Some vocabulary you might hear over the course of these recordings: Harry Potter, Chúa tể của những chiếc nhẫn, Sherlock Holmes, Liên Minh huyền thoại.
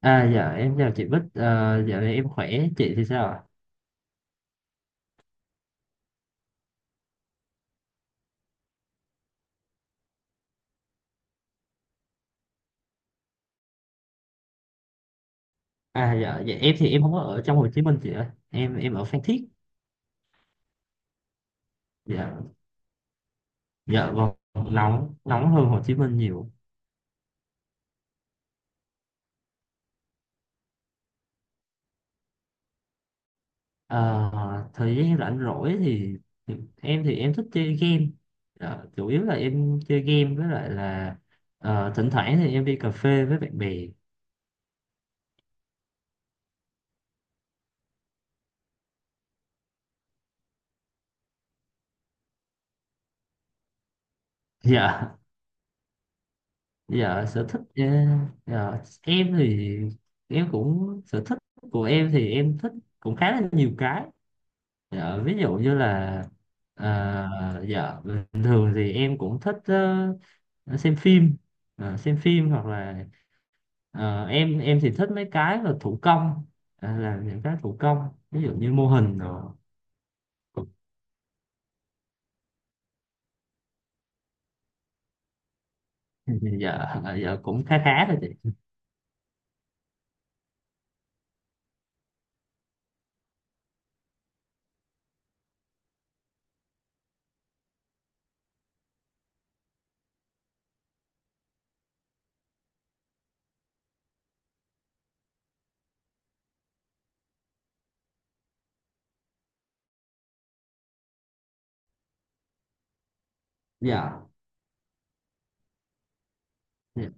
Dạ em chào chị Bích, dạo này em khỏe, chị thì sao ạ? Dạ em thì em không có ở trong Hồ Chí Minh chị ơi, em ở Phan Thiết. Dạ, dạ vâng, nóng, nóng hơn Hồ Chí Minh nhiều. À, thời gian rảnh rỗi thì, thì em thì em thích chơi game. Dạ, chủ yếu là em chơi game với lại là thỉnh thoảng thì em đi cà phê với bạn bè. Dạ, dạ sở thích, dạ, em thì em cũng sở thích, của em thì em thích cũng khá là nhiều cái. Dạ, ví dụ như là dạ bình thường thì em cũng thích ờ, xem phim. Xem phim hoặc là em thì thích mấy cái là thủ công, là những cái thủ công ví dụ như mô hình rồi. Dạ, dạ cũng khá khá thôi chị. Dạ dạ.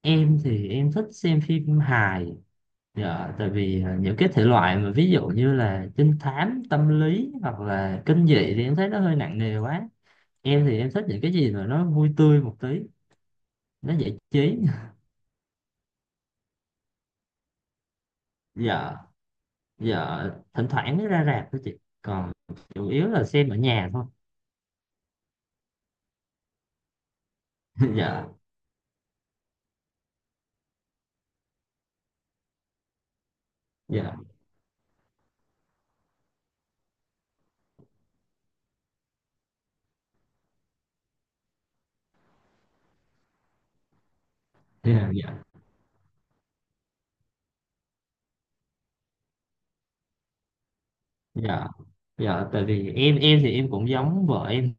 Em thì em thích xem phim hài. Dạ tại vì những cái thể loại mà ví dụ như là trinh thám tâm lý hoặc là kinh dị thì em thấy nó hơi nặng nề quá. Em thì em thích những cái gì mà nó vui tươi một tí, nó giải trí. dạ dạ thỉnh thoảng mới ra rạp thôi chị, còn chủ yếu là xem ở nhà thôi. dạ dạ dạ dạ dạ dạ Tại vì em thì em cũng giống vợ em,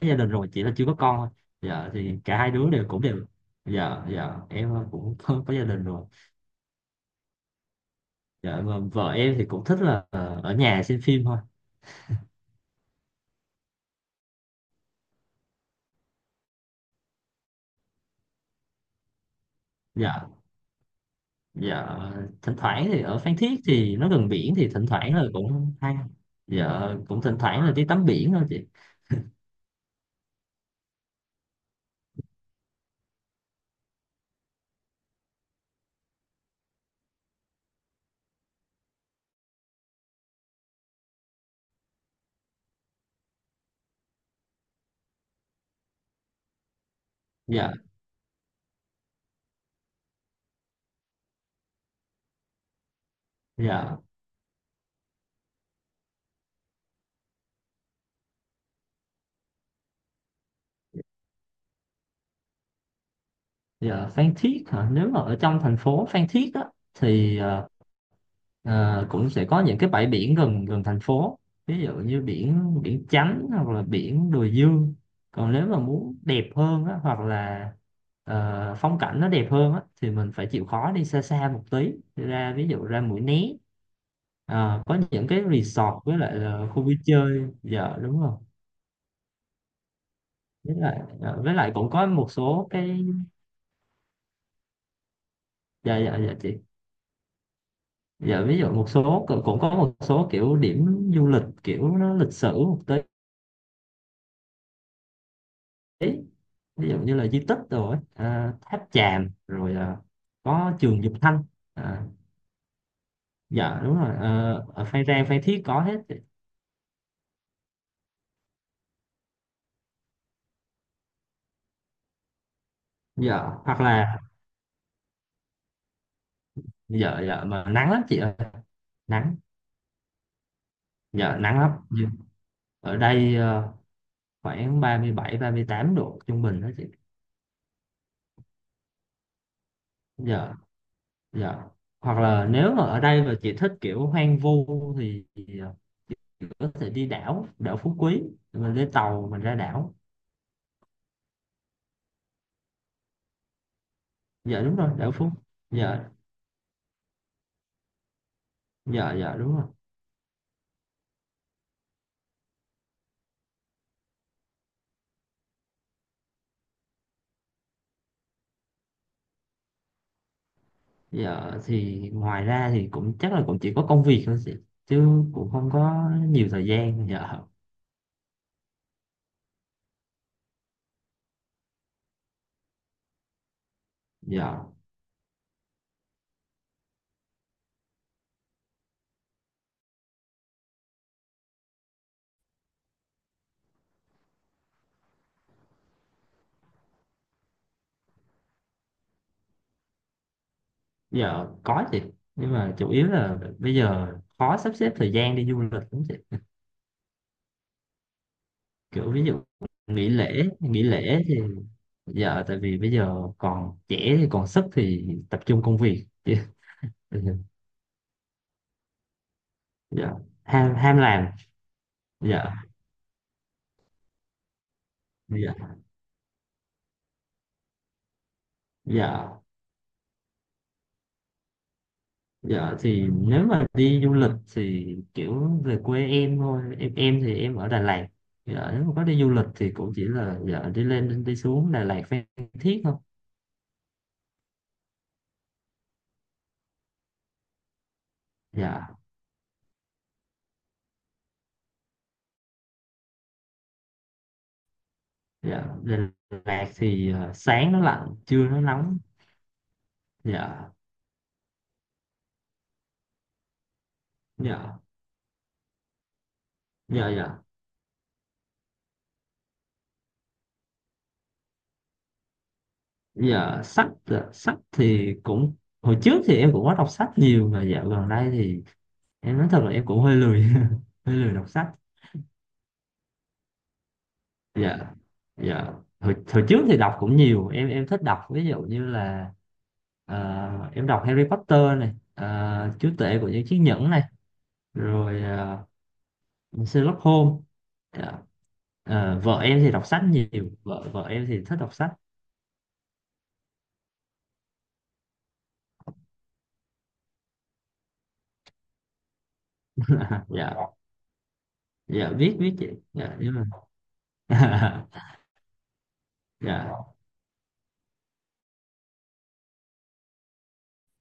có gia đình rồi chỉ là chưa có con thôi. Dạ thì cả hai đứa đều cũng đều, dạ dạ em cũng có gia đình rồi. Dạ mà vợ em thì cũng thích là ở nhà xem phim thôi. Dạ dạ thỉnh thoảng thì ở Phan Thiết thì nó gần biển thì thỉnh thoảng là cũng hay, dạ cũng thỉnh thoảng là đi tắm biển thôi chị. Dạ dạ dạ Phan Thiết hả, nếu mà ở trong thành phố Phan Thiết á thì Ờ, cũng sẽ có những cái bãi biển gần gần thành phố, ví dụ như biển biển Chánh hoặc là biển Đùi Dương. Còn nếu mà muốn đẹp hơn á, hoặc là phong cảnh nó đẹp hơn á, thì mình phải chịu khó đi xa xa một tí, ra ví dụ ra Mũi Né. Ờ, có những cái resort với lại là khu vui chơi. Dạ đúng rồi, với lại với lại cũng có một số cái. Dạ dạ dạ chị, dạ ví dụ một số, cũng cũng có một số kiểu điểm du lịch kiểu nó lịch sử một tí, ví dụ như là di tích rồi, tháp Chàm rồi, có trường Dục Thanh. à, dạ đúng rồi, ở Phan Rang Phan Thiết có hết. Dạ hoặc là, dạ dạ mà nắng lắm chị ơi, nắng. Dạ nắng lắm. Nhưng ở đây khoảng 37 38 độ trung bình đó chị. Dạ dạ hoặc là nếu mà ở đây mà chị thích kiểu hoang vu thì có thể đi đảo, đảo Phú Quý, mình lên tàu mình ra đảo. Dạ đúng rồi, đảo Phú. Dạ dạ dạ đúng rồi. Giờ thì ngoài ra thì cũng chắc là cũng chỉ có công việc thôi chị, chứ cũng không có nhiều thời gian giờ giờ Giờ có chị, nhưng mà chủ yếu là bây giờ khó sắp xếp thời gian đi du lịch lắm chị. Kiểu ví dụ, nghỉ lễ thì giờ tại vì bây giờ còn trẻ thì còn sức thì tập trung công việc. Dạ, ham ham làm. Dạ dạ dạ Dạ thì nếu mà đi du lịch thì kiểu về quê em thôi, em thì em ở Đà Lạt. Dạ nếu mà có đi du lịch thì cũng chỉ là dạ đi lên đi xuống Đà Lạt Phan Thiết thôi. Dạ dạ Đà Lạt thì sáng nó lạnh, trưa nó nóng. Dạ dạ dạ dạ Dạ sách, sách thì cũng, hồi trước thì em cũng có đọc sách nhiều mà dạo gần đây thì em nói thật là em cũng hơi lười, hơi lười đọc sách. Dạ dạ Hồi, hồi trước thì đọc cũng nhiều, em thích đọc ví dụ như là em đọc Harry Potter này, Chúa tể của những chiếc nhẫn này, rồi Sherlock Holmes. Dạ, vợ em thì đọc sách nhiều, vợ vợ em thì thích đọc sách. Dạ, dạ biết, biết chị. Dạ nhưng mà, dạ.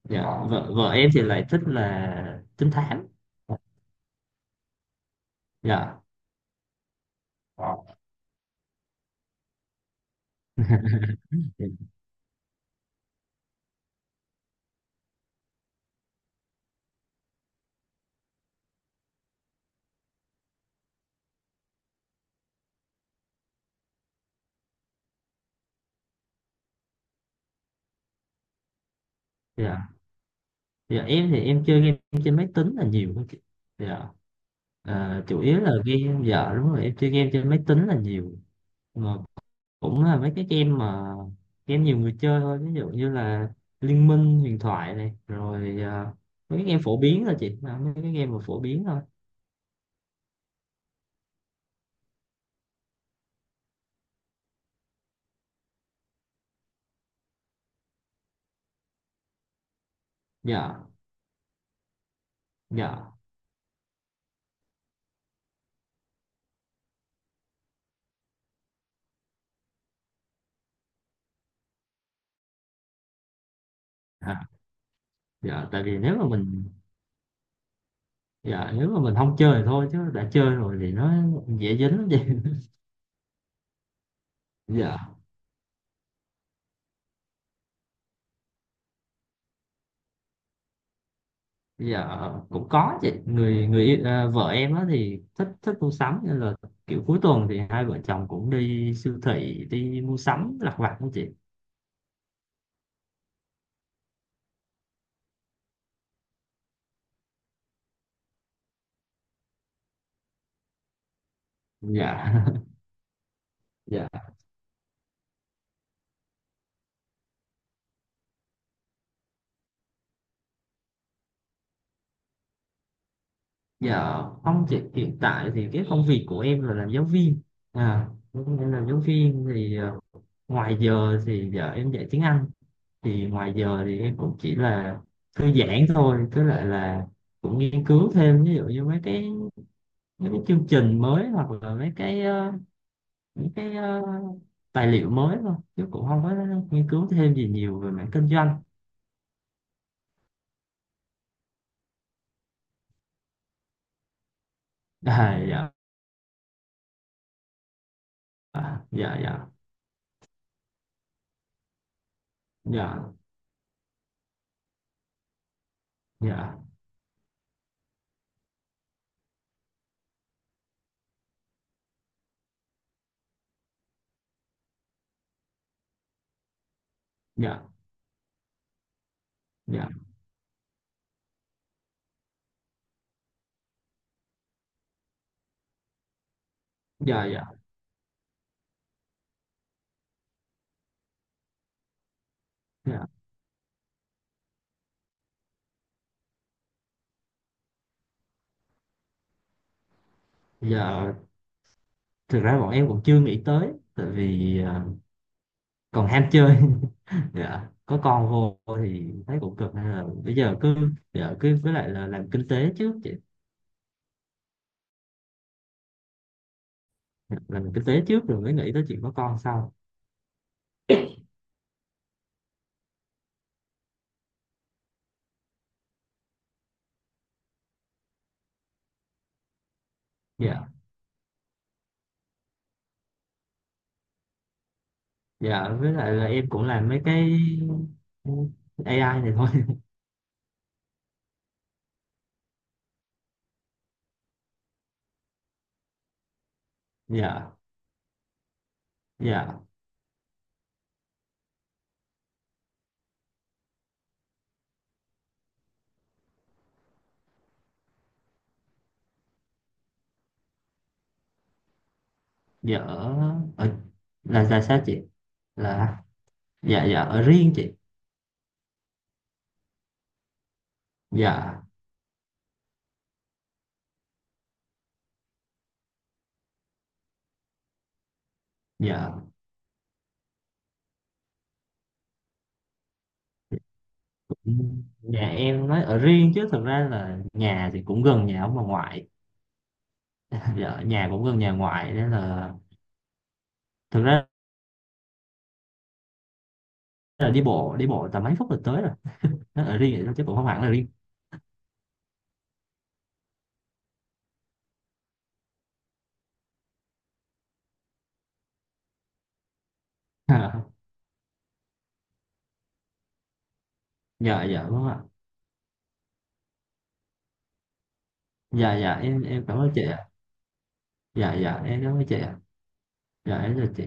dạ vợ vợ em thì lại thích là trinh thám. Dạ dạ dạ Em thì em chơi game trên máy tính là nhiều hơn chị. Dạ, chủ yếu là game, dạ đúng rồi, em chơi game trên máy tính là nhiều, mà cũng là mấy cái game mà game nhiều người chơi thôi, ví dụ như là Liên Minh huyền thoại này, rồi mấy cái game phổ biến thôi chị. Ờ, Mấy cái game mà phổ biến thôi. Dạ dạ à, dạ tại vì nếu mà mình, dạ nếu mà mình không chơi thì thôi chứ đã chơi rồi thì nó dễ dính lắm chị. Dạ, bây giờ cũng có chị, người người yêu- à, vợ em á thì thích, thích mua sắm, nên là kiểu cuối tuần thì hai vợ chồng cũng đi siêu thị đi mua sắm lặt vặt đó chị. Dạ. dạ dạ không chị, hiện tại thì cái công việc của em là làm giáo viên. à em làm giáo viên thì, ngoài giờ thì giờ em dạy tiếng Anh, thì ngoài giờ thì em cũng chỉ là thư giãn thôi, tức là cũng nghiên cứu thêm ví dụ như mấy cái chương trình mới, hoặc là mấy cái những cái ờ, tài liệu mới thôi, chứ cũng không có nghiên cứu thêm gì nhiều về mảng kinh doanh. Dạ. à, dạ dạ dạ dạ dạ dạ dạ dạ dạ dạ Thực ra bọn em cũng chưa nghĩ tới, tại vì còn ham chơi. Dạ có con vô thì thấy cũng cực, nên là bây giờ cứ, dạ cứ với lại là làm kinh tế trước chị. Dạ, làm kinh tế trước rồi mới nghĩ tới chuyện có con sau. Dạ dạ với lại là em cũng làm mấy cái AI này thôi. dạ dạ dạ ở, ở là sao chị, là, dạ dạ ở riêng chị. Dạ dạ cũng, nhà em nói ở riêng chứ thực ra là nhà thì cũng gần nhà ông bà ngoại. Dạ nhà cũng gần nhà ngoại nên là, thực ra là đi bộ tầm mấy phút là tới rồi, nó ở riêng vậy thôi chứ cũng không hẳn là riêng. À, dạ, dạ đúng không ạ. Dạ, dạ em cảm ơn chị ạ. Dạ, dạ em cảm ơn chị ạ. Dạ em chào chị.